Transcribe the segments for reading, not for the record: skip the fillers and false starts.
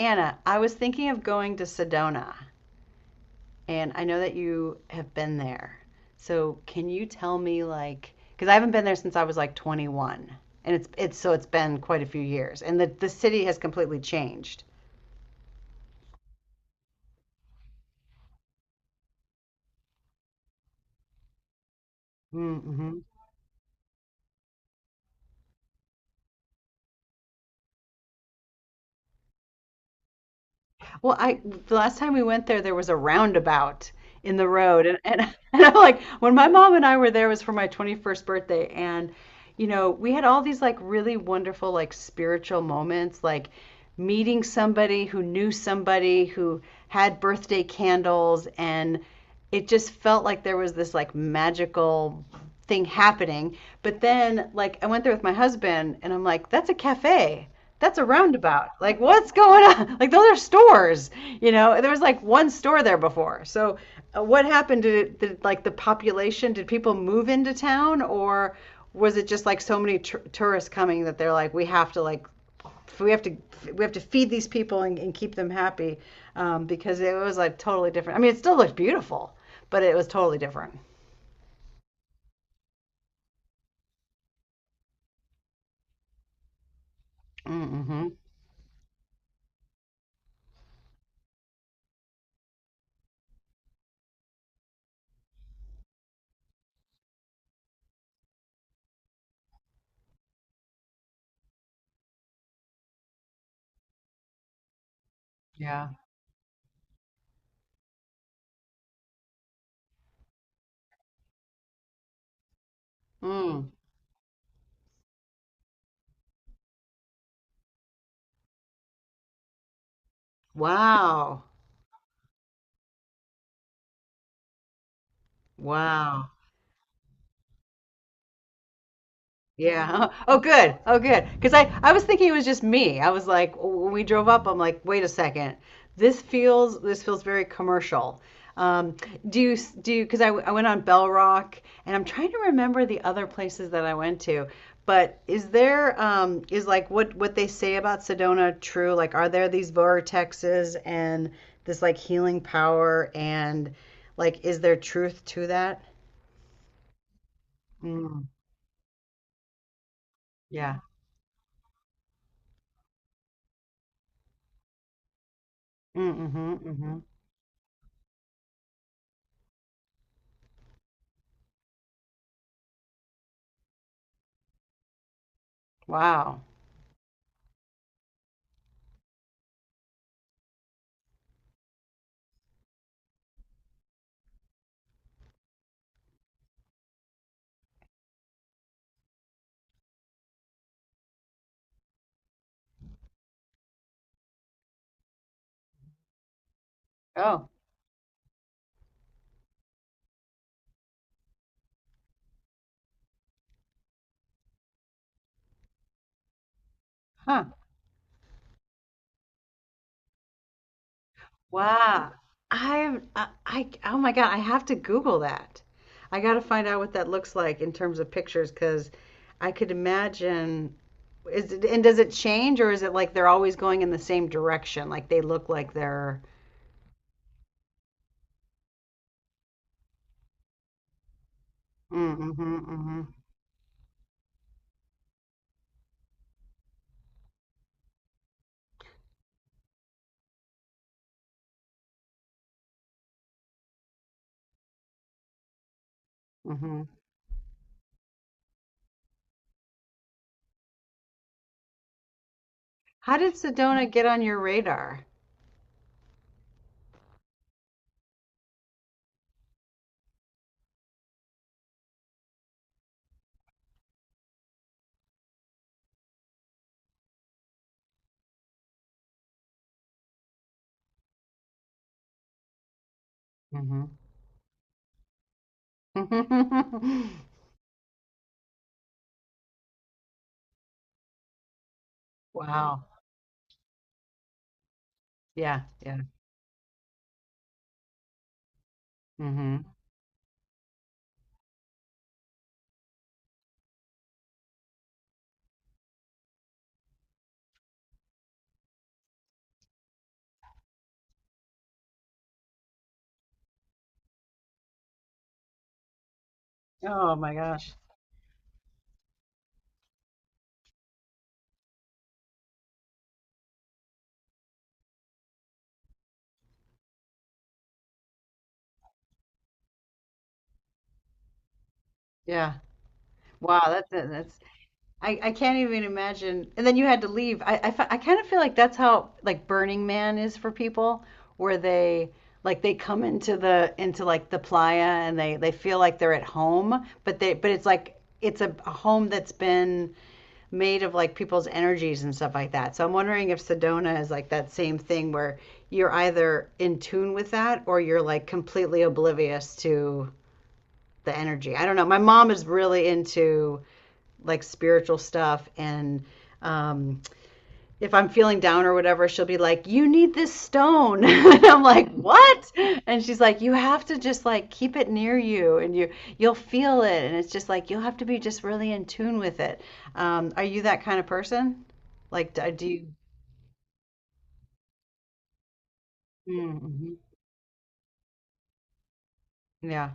Anna, I was thinking of going to Sedona, and I know that you have been there. So can you tell me, like, because I haven't been there since I was like 21, and it's so it's been quite a few years, and the city has completely changed. Mm-hmm. Well, I the last time we went there, there was a roundabout in the road, and and I'm like, when my mom and I were there, it was for my 21st birthday, and you know, we had all these like really wonderful like spiritual moments, like meeting somebody who knew somebody who had birthday candles, and it just felt like there was this like magical thing happening. But then, like, I went there with my husband, and I'm like, that's a cafe, that's a roundabout. Like, what's going on? Like, those are stores. You know, there was like one store there before. So, what happened to it, like the population? Did people move into town, or was it just like so many tur tourists coming that they're like, we have to like, we have to, we have to feed these people and keep them happy, because it was like totally different. I mean, it still looked beautiful, but it was totally different. Mm-hmm. Yeah. Mm. Wow. Wow. Yeah. Oh, good. Oh, good. Because I was thinking it was just me. I was like, when we drove up, I'm like, wait a second. This feels very commercial. Um, do you, because I went on Bell Rock and I'm trying to remember the other places that I went to. But is there, is like what they say about Sedona true? Like, are there these vortexes and this like healing power and like, is there truth to that? Mm, yeah. Mm, hmm hmm. Wow. Oh, huh. Wow. Oh my God, I have to Google that. I got to find out what that looks like in terms of pictures because I could imagine. Is it, and does it change or is it like they're always going in the same direction? Like they look like they're. Mm, mhm, mhm, mhm. How did Sedona get on your radar? Hmm. Wow. Yeah, yeah. Hmm. Oh my gosh. Yeah. Wow, that's I can't even imagine. And then you had to leave. I I kind of feel like that's how like Burning Man is for people, where they like they come into the into the playa and they feel like they're at home, but they but it's like it's a home that's been made of like people's energies and stuff like that. So I'm wondering if Sedona is like that same thing where you're either in tune with that or you're like completely oblivious to the energy. I don't know. My mom is really into like spiritual stuff and um, if I'm feeling down or whatever, she'll be like, "You need this stone," and I'm like, "What?" And she's like, "You have to just like keep it near you, and you, you'll feel it, and it's just like you'll have to be just really in tune with it." Are you that kind of person? Like, do you? Hmm. Yeah,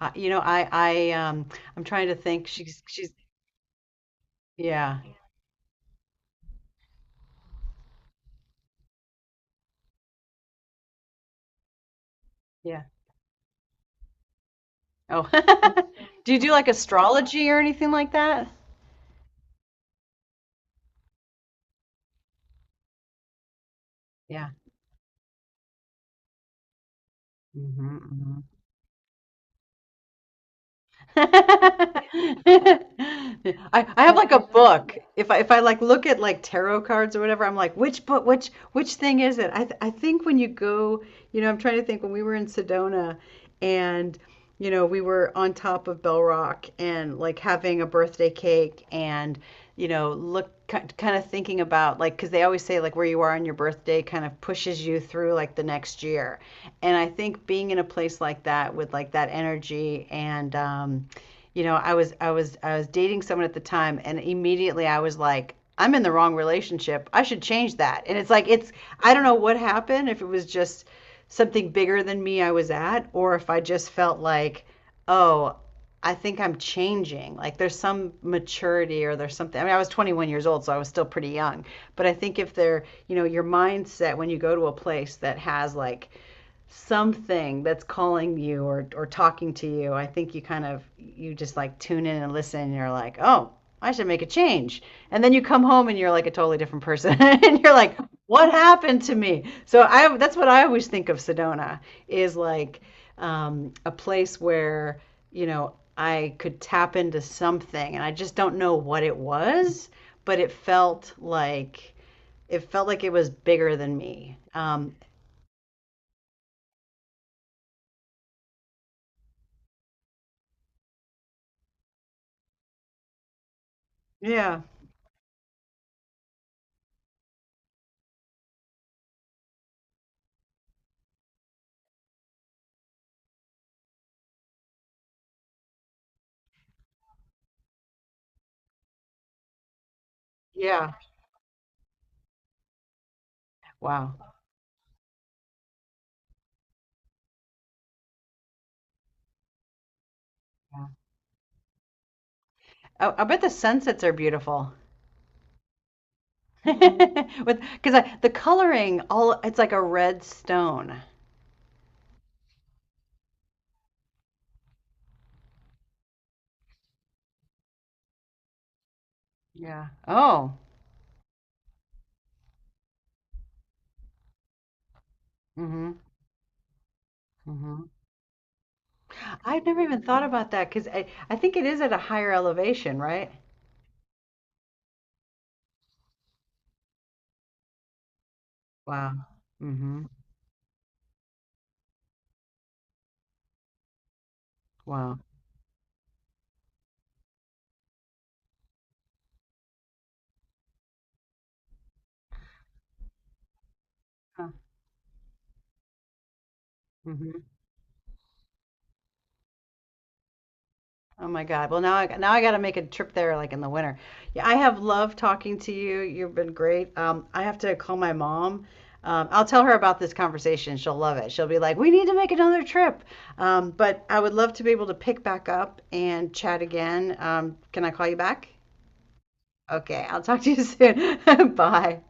I, you know, I I'm trying to think. She's yeah, yeah. Oh, do you do like astrology or anything like that? Yeah. Hmm. I I have like a book. If I like look at like tarot cards or whatever, I'm like, which book, which thing is it? I think when you go, you know, I'm trying to think when we were in Sedona, and you know, we were on top of Bell Rock and like having a birthday cake, and you know, look kind of thinking about like because they always say like where you are on your birthday kind of pushes you through like the next year. And I think being in a place like that with like that energy, and you know, I was dating someone at the time and immediately I was like, I'm in the wrong relationship. I should change that. And it's like it's I don't know what happened if it was just something bigger than me I was at or if I just felt like, oh, I think I'm changing. Like there's some maturity or there's something. I mean, I was 21 years old, so I was still pretty young. But I think if they're, you know, your mindset when you go to a place that has like something that's calling you or talking to you, I think you kind of, you just like tune in and listen and you're like, oh, I should make a change. And then you come home and you're like a totally different person and you're like, what happened to me? So I, that's what I always think of Sedona is like, a place where, you know, I could tap into something and I just don't know what it was, but it felt like, it felt like it was bigger than me. Yeah. Yeah. Wow. Yeah. I bet the sunsets are beautiful. With because I, the coloring all it's like a red stone. Yeah. Oh. Mm-hmm. Mm-hmm. I've never even thought about that because I think it is at a higher elevation, right? Wow. Mm-hmm. Wow. Huh. Oh my God. Well, now I got to make a trip there like in the winter. Yeah, I have loved talking to you. You've been great. I have to call my mom. I'll tell her about this conversation. She'll love it. She'll be like, "We need to make another trip." But I would love to be able to pick back up and chat again. Can I call you back? Okay, I'll talk to you soon. Bye.